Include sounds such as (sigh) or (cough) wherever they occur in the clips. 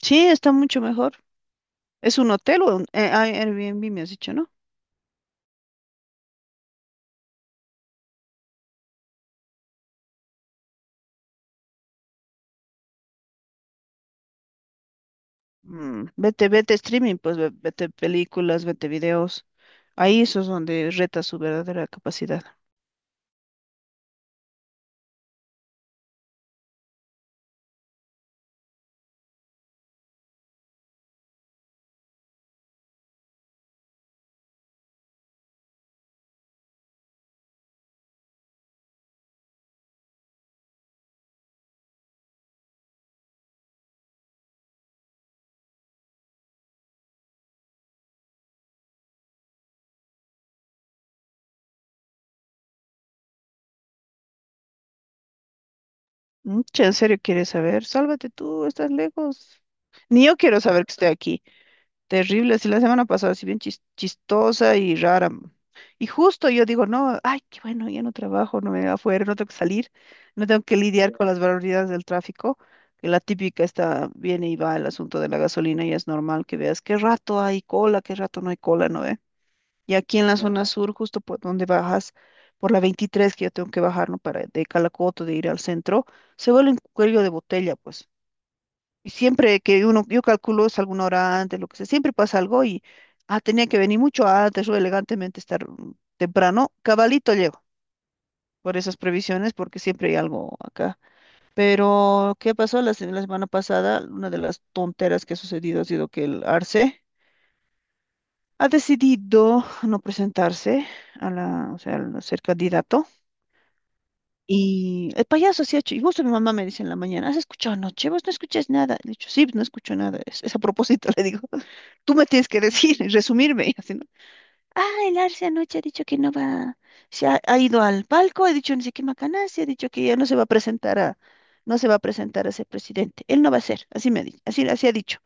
Sí, está mucho mejor. ¿Es un hotel o un Airbnb, me has dicho, ¿no? Vete, streaming, pues vete películas, vete videos. Ahí eso es donde reta su verdadera capacidad. Che, ¿en serio quieres saber? Sálvate tú, estás lejos. Ni yo quiero saber que estoy aquí. Terrible, así la semana pasada, así bien chistosa y rara. Y justo yo digo, no, ay, qué bueno, ya no trabajo, no me va afuera, no tengo que salir, no tengo que lidiar con las barbaridades del tráfico, que la típica está, viene y va el asunto de la gasolina y es normal que veas qué rato hay cola, qué rato no hay cola, ¿no ve? Y aquí en la zona sur, justo por donde bajas, por la 23 que yo tengo que bajar, ¿no? Para de Calacoto, de ir al centro, se vuelve un cuello de botella, pues. Y siempre que uno, yo calculo es alguna hora antes, lo que sea, siempre pasa algo y, ah, tenía que venir mucho antes o elegantemente estar temprano, cabalito llego por esas previsiones porque siempre hay algo acá. Pero, ¿qué pasó la semana pasada? Una de las tonteras que ha sucedido ha sido que el Arce ha decidido no presentarse a la, o sea, al ser candidato. Y el payaso se ha hecho, y justo mi mamá me dice en la mañana, ¿has escuchado anoche? Vos no escuchas nada. Le he dicho, sí, no escucho nada. Es a propósito, (laughs) le digo. Tú me tienes que decir, (laughs) resumirme, y así, ¿no? Ah, el Arce anoche ha dicho que no va, se ha, ha ido al palco, ha dicho no sé qué macanaz, y ha dicho que ya no se va a presentar a, no se va a presentar a ser presidente, él no va a ser, así me ha dicho, así, así ha dicho.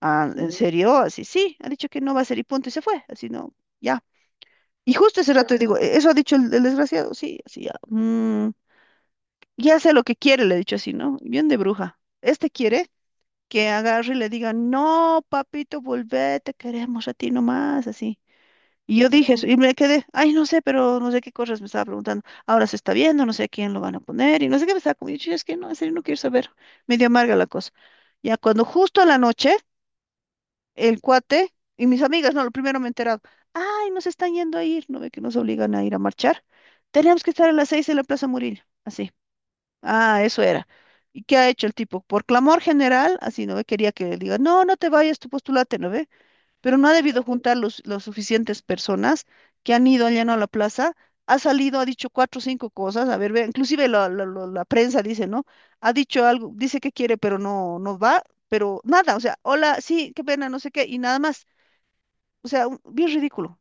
Ah, ¿en serio? Así, sí, ha dicho que no va a ser y punto, y se fue, así no, ya. Y justo ese rato digo: Eso ha dicho el desgraciado, sí, así ya. Ya sé lo que quiere", le he dicho así, ¿no? Bien de bruja. Este quiere que agarre y le diga: "No, papito, volvete, queremos a ti nomás", así. Y yo dije eso, y me quedé, ay, no sé, pero no sé qué cosas me estaba preguntando. Ahora se está viendo, no sé a quién lo van a poner, y no sé qué me estaba comiendo. Es que no, en serio no quiero saber. Medio amarga la cosa. Ya cuando justo a la noche, el cuate y mis amigas, no, lo primero me he enterado, ay, nos están yendo a ir, no ve que nos obligan a ir a marchar. Tenemos que estar a las 6:00 en la Plaza Murillo, así. Ah, eso era. ¿Y qué ha hecho el tipo? Por clamor general, así, ¿no ve? Quería que le diga: "No, no te vayas, tú postulate", ¿no ve? Pero no ha debido juntar los suficientes personas que han ido, han llenado la plaza, ha salido, ha dicho cuatro o cinco cosas, a ver, inclusive la prensa dice, ¿no? Ha dicho algo, dice que quiere, pero no, no va, pero nada, o sea, hola, sí, qué pena, no sé qué, y nada más, o sea, bien ridículo.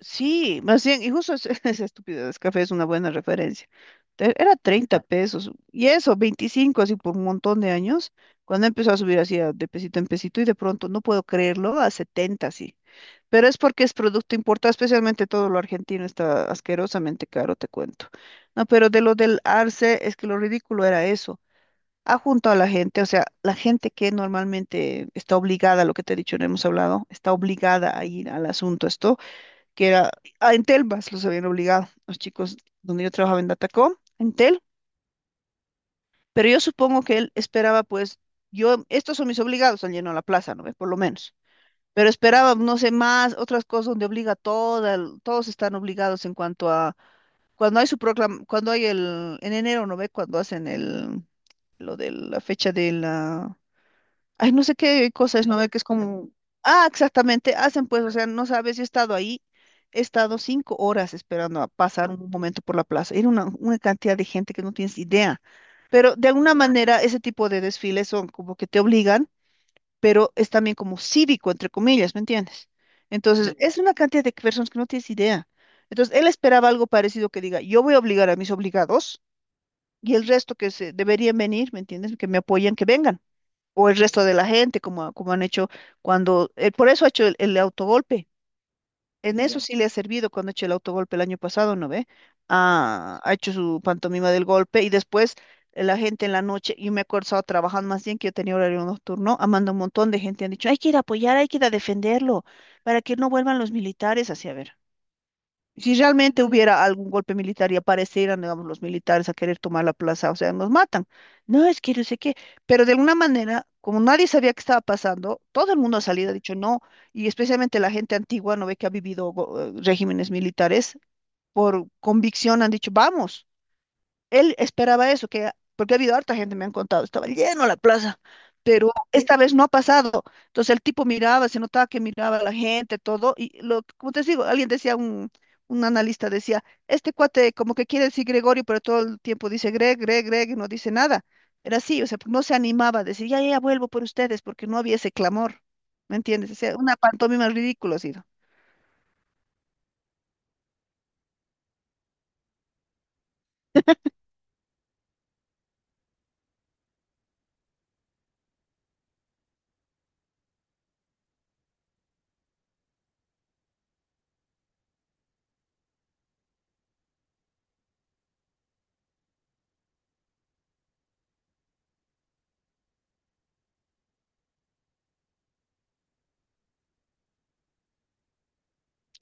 Sí, más bien, y justo (laughs) esa estupidez, café es una buena referencia. Era 30 pesos, y eso, 25 así por un montón de años, cuando empezó a subir así de pesito en pesito, y de pronto, no puedo creerlo, a 70 así. Pero es porque es producto importado, especialmente todo lo argentino está asquerosamente caro, te cuento. No, pero de lo del arce, es que lo ridículo era eso. Ha juntado a la gente, o sea, la gente que normalmente está obligada, lo que te he dicho, no hemos hablado, está obligada a ir al asunto esto, que era, ah, en Telvas los habían obligado, los chicos donde yo trabajaba en Datacom, en Tel, pero yo supongo que él esperaba, pues, yo, estos son mis obligados, han llenado la plaza, ¿no ve? Por lo menos. Pero esperaba, no sé, más, otras cosas donde obliga a toda, todos están obligados en cuanto a, cuando hay su proclama, cuando hay el, en enero, ¿no ve? Cuando hacen el, lo de la fecha de la, ay, no sé qué cosa es, ¿no ve? Que es como, ah, exactamente, hacen pues, o sea, no sabes, yo he estado ahí, he estado 5 horas esperando a pasar un momento por la plaza, era una cantidad de gente que no tienes idea, pero de alguna manera ese tipo de desfiles son como que te obligan, pero es también como cívico, entre comillas, ¿me entiendes? Entonces, sí, es una cantidad de personas que no tienes idea. Entonces, él esperaba algo parecido, que diga, yo voy a obligar a mis obligados y el resto que se deberían venir, ¿me entiendes? Que me apoyen, que vengan. O el resto de la gente, como, como han hecho cuando, por eso ha hecho el autogolpe. En eso sí le ha servido cuando ha hecho el autogolpe el año pasado, ¿no ve? Ah, ha hecho su pantomima del golpe y después la gente en la noche, yo me acuerdo, estaba trabajando más bien que yo tenía horario nocturno, ha mandado un montón de gente, han dicho, hay que ir a apoyar, hay que ir a defenderlo, para que no vuelvan los militares, así a ver. Si realmente hubiera algún golpe militar y aparecieran, digamos, los militares a querer tomar la plaza, o sea, nos matan. No, es que yo sé qué, pero de alguna manera, como nadie sabía qué estaba pasando, todo el mundo ha salido, ha dicho no, y especialmente la gente antigua, no ve que ha vivido regímenes militares, por convicción han dicho, vamos. Él esperaba eso, que, porque ha habido harta gente, me han contado, estaba lleno la plaza, pero esta vez no ha pasado. Entonces el tipo miraba, se notaba que miraba a la gente, todo, y lo, como te digo, alguien decía, un analista decía, este cuate como que quiere decir Gregorio, pero todo el tiempo dice Greg, Greg, Greg, y no dice nada. Era así, o sea, no se animaba a decir, ya, ya, ya, vuelvo por ustedes, porque no había ese clamor, ¿me entiendes? O sea, una pantomima ridícula ha sido.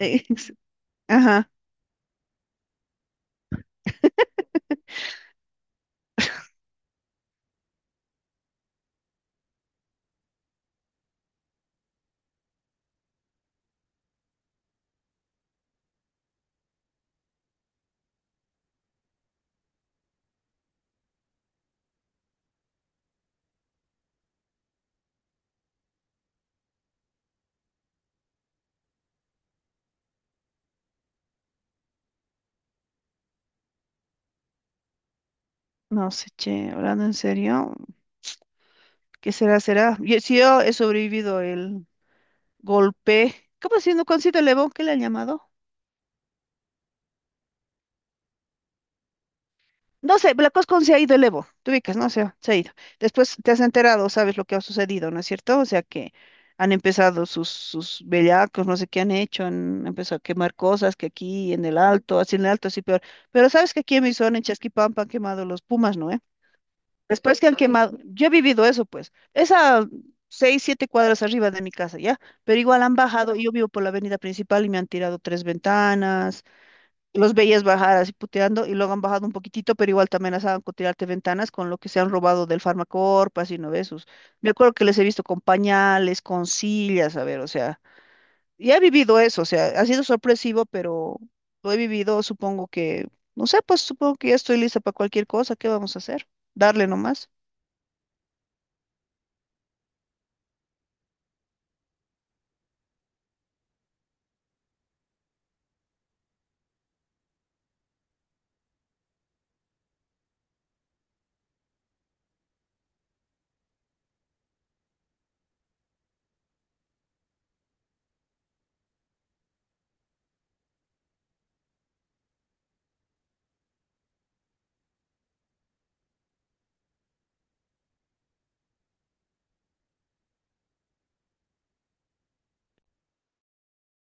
(laughs) Ajá, no sé, che, hablando en serio. ¿Qué será, será? Si yo he sobrevivido el golpe, ¿cómo se llama? ¿Cuándo se el Evo? ¿Qué le han llamado? No sé, la cosa cuando se ha ido el Evo, tú ubicas, ¿no? O sea, se ha ido. Después te has enterado, sabes lo que ha sucedido, ¿no es cierto? O sea, que han empezado sus bellacos, no sé qué han hecho, han empezado a quemar cosas, que aquí en el Alto, así en el Alto, así peor. Pero sabes que aquí en mi zona, en Chasquipampa, han quemado los pumas, ¿no? ¿Eh? Después que han quemado, yo he vivido eso, pues, esa seis, siete cuadras arriba de mi casa, ¿ya? Pero igual han bajado, y yo vivo por la avenida principal y me han tirado tres ventanas, los veías bajar así puteando y luego han bajado un poquitito, pero igual te amenazaban con tirarte ventanas con lo que se han robado del Farmacorp, así no de esos. Me acuerdo que les he visto con pañales, con sillas, a ver, o sea, y he vivido eso, o sea, ha sido sorpresivo, pero lo he vivido, supongo que, no sé, pues supongo que ya estoy lista para cualquier cosa, ¿qué vamos a hacer? Darle nomás.